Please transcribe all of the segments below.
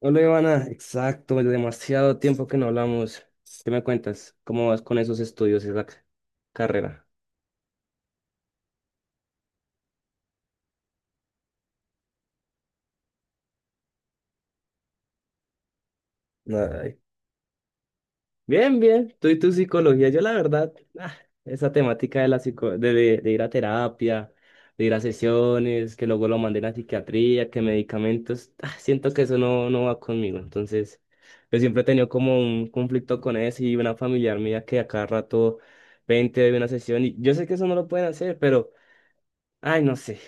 Hola Ivana, exacto, demasiado tiempo que no hablamos. ¿Qué me cuentas? ¿Cómo vas con esos estudios y esa carrera? Ay. Bien, bien, tú y tu psicología, yo la verdad, ah, esa temática de, la psico de, de ir a terapia, de ir a sesiones, que luego lo manden a psiquiatría, que medicamentos, siento que eso no, no va conmigo. Entonces, yo siempre he tenido como un conflicto con eso y una familiar mía que a cada rato 20 de una sesión y yo sé que eso no lo pueden hacer, pero... Ay, no sé.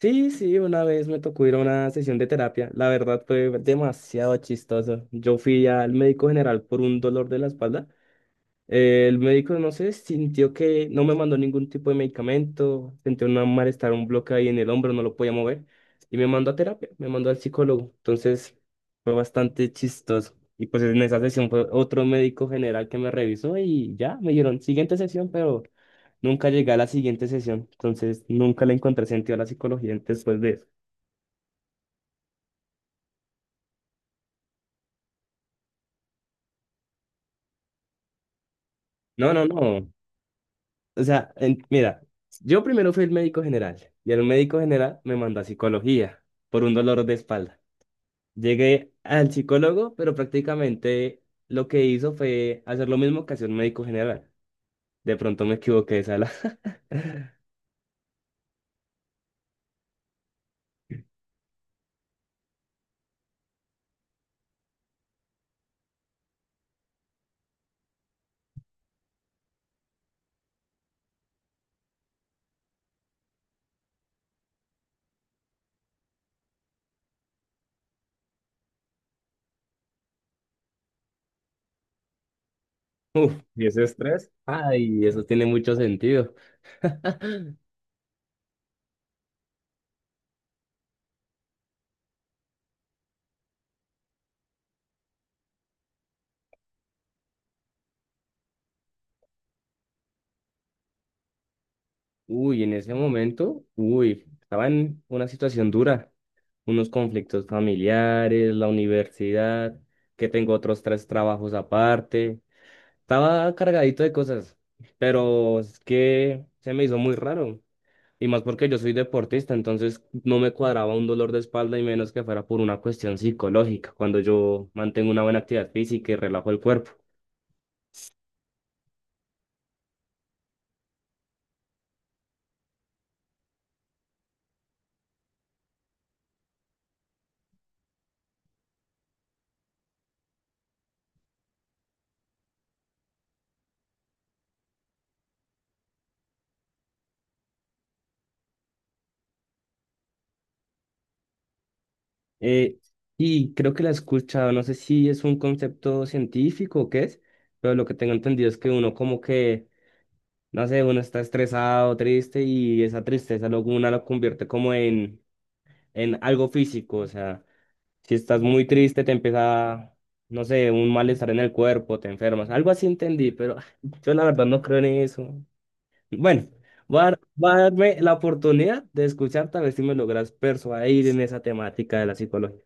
Sí, sí, una vez me tocó ir a una sesión de terapia. La verdad fue demasiado chistoso. Yo fui al médico general por un dolor de la espalda. El médico, no sé, sintió que no me mandó ningún tipo de medicamento, sentí un malestar, un bloque ahí en el hombro, no lo podía mover, y me mandó a terapia, me mandó al psicólogo. Entonces fue bastante chistoso. Y pues en esa sesión fue otro médico general que me revisó y ya me dijeron siguiente sesión, pero nunca llegué a la siguiente sesión. Entonces nunca le encontré sentido a la psicología después de eso. No, no, no. O sea, mira, yo primero fui el médico general y el médico general me mandó a psicología por un dolor de espalda. Llegué al psicólogo, pero prácticamente lo que hizo fue hacer lo mismo que hacía un médico general. De pronto me equivoqué de sala. Uf, y ese estrés. Ay, eso tiene mucho sentido. Uy, en ese momento, uy, estaba en una situación dura. Unos conflictos familiares, la universidad, que tengo otros tres trabajos aparte. Estaba cargadito de cosas, pero es que se me hizo muy raro. Y más porque yo soy deportista, entonces no me cuadraba un dolor de espalda y menos que fuera por una cuestión psicológica, cuando yo mantengo una buena actividad física y relajo el cuerpo. Eh, y creo que la he escuchado, no sé si es un concepto científico o qué es, pero lo que tengo entendido es que uno como que, no sé, uno está estresado, triste y esa tristeza luego una lo convierte como en algo físico, o sea, si estás muy triste, te empieza, no sé, un malestar en el cuerpo, te enfermas. Algo así entendí, pero yo la verdad no creo en eso. Bueno, va a darme la oportunidad de escucharte a ver si me logras persuadir en esa temática de la psicología.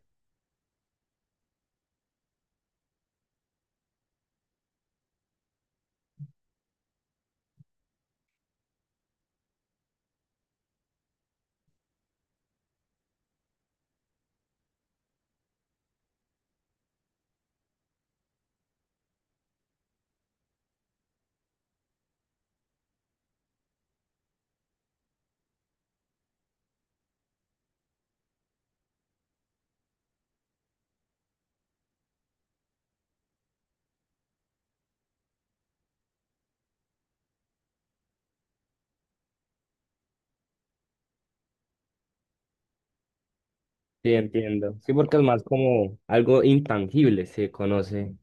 Sí, entiendo. Sí, porque es más como algo intangible, se conoce.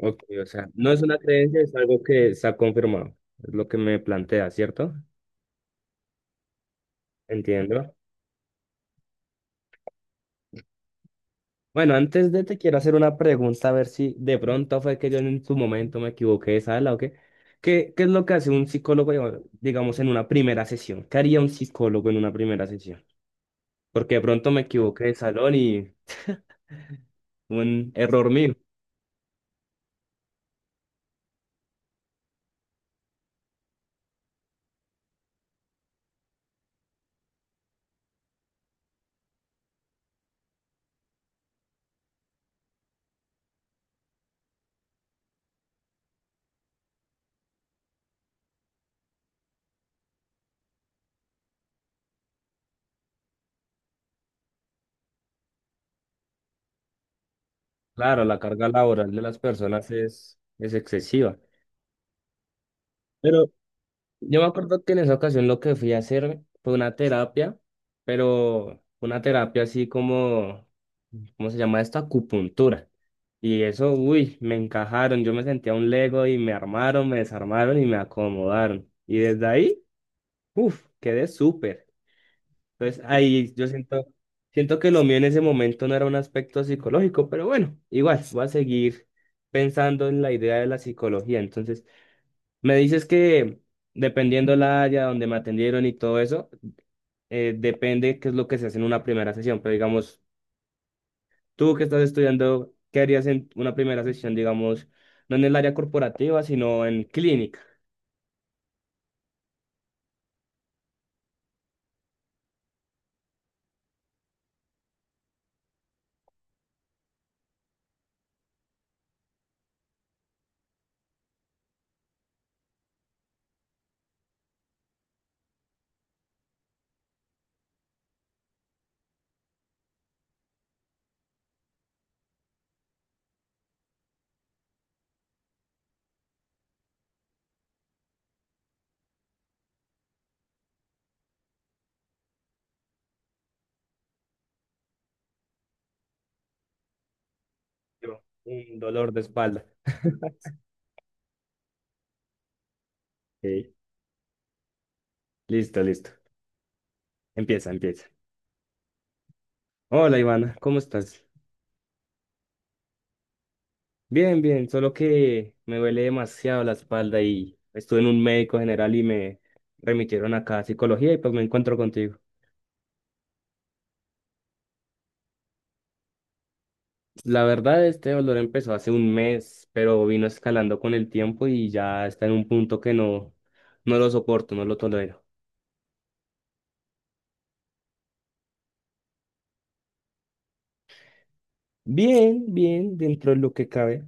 Ok, o sea, no es una creencia, es algo que se ha confirmado. Es lo que me plantea, ¿cierto? Entiendo. Bueno, antes de te quiero hacer una pregunta, a ver si de pronto fue que yo en su momento me equivoqué, ¿sabes? ¿La o qué? ¿Qué es lo que hace un psicólogo, digamos, en una primera sesión? ¿Qué haría un psicólogo en una primera sesión? Porque de pronto me equivoqué de salón y un error mío. Claro, la carga laboral de las personas es excesiva. Pero yo me acuerdo que en esa ocasión lo que fui a hacer fue una terapia, pero una terapia así como, ¿cómo se llama esto? Acupuntura. Y eso, uy, me encajaron. Yo me sentía un Lego y me armaron, me desarmaron y me acomodaron. Y desde ahí, uff, quedé súper. Entonces ahí yo siento que lo mío en ese momento no era un aspecto psicológico, pero bueno, igual, voy a seguir pensando en la idea de la psicología. Entonces me dices que dependiendo la área donde me atendieron y todo eso, depende qué es lo que se hace en una primera sesión. Pero digamos, tú que estás estudiando, ¿qué harías en una primera sesión, digamos, no en el área corporativa, sino en clínica? Un dolor de espalda. Ok, listo, listo. Empieza, empieza. Hola, Ivana, ¿cómo estás? Bien, bien, solo que me duele demasiado la espalda y estuve en un médico general y me remitieron acá a psicología y pues me encuentro contigo. La verdad, este dolor empezó hace un mes, pero vino escalando con el tiempo y ya está en un punto que no, no lo soporto, no lo tolero. Bien, bien, dentro de lo que cabe.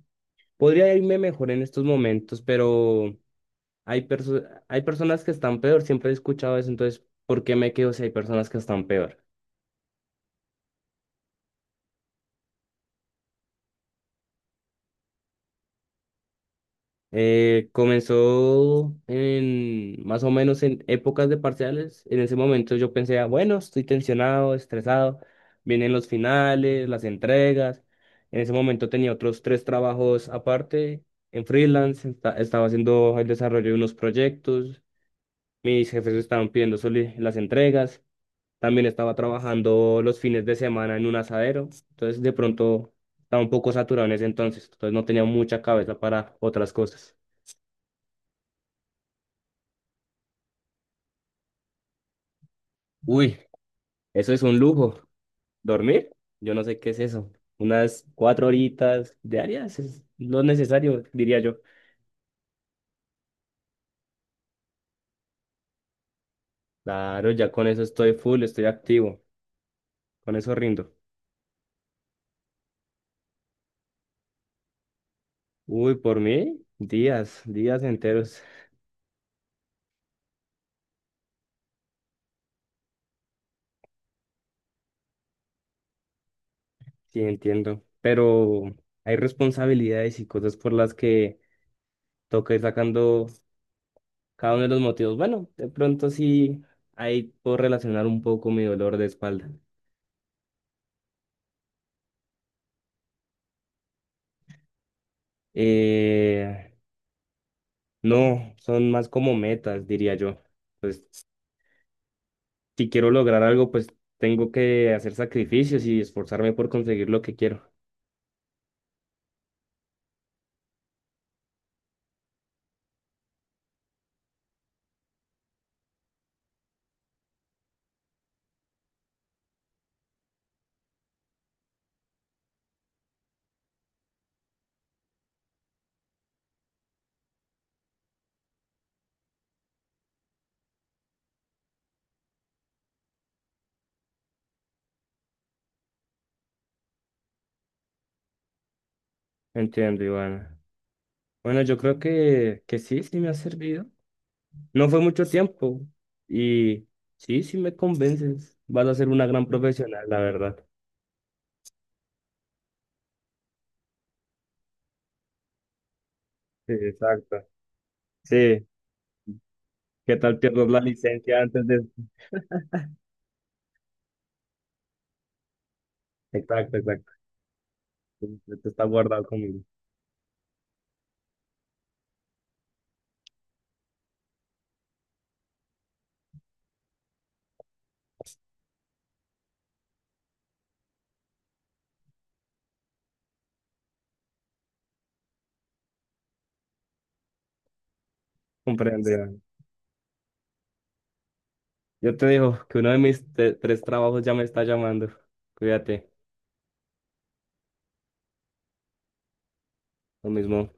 Podría irme mejor en estos momentos, pero hay personas que están peor, siempre he escuchado eso, entonces, ¿por qué me quedo si hay personas que están peor? Comenzó en más o menos en épocas de parciales. En ese momento yo pensé: "Ah, bueno, estoy tensionado, estresado, vienen los finales, las entregas. En ese momento tenía otros tres trabajos aparte en freelance, estaba haciendo el desarrollo de unos proyectos, mis jefes estaban pidiendo las entregas, también estaba trabajando los fines de semana en un asadero, entonces de pronto estaba un poco saturado en ese entonces, entonces no tenía mucha cabeza para otras cosas. Uy, eso es un lujo. ¿Dormir? Yo no sé qué es eso. Unas 4 horitas diarias es lo necesario, diría yo. Claro, ya con eso estoy full, estoy activo. Con eso rindo. Uy, por mí, días, días enteros. Sí, entiendo. Pero hay responsabilidades y cosas por las que toca ir sacando cada uno de los motivos. Bueno, de pronto sí, ahí puedo relacionar un poco mi dolor de espalda. Eh, no, son más como metas, diría yo. Pues si quiero lograr algo, pues tengo que hacer sacrificios y esforzarme por conseguir lo que quiero. Entiendo, Ivana. Bueno, yo creo que sí, sí me ha servido. No fue mucho tiempo y sí, sí me convences. Vas a ser una gran profesional, la verdad. Sí, exacto. Sí, ¿qué tal pierdas la licencia antes de... Exacto, exacto. Esto está guardado conmigo. Comprendo, Ivana. Yo te digo que uno de mis tres trabajos ya me está llamando. Cuídate, lo mismo.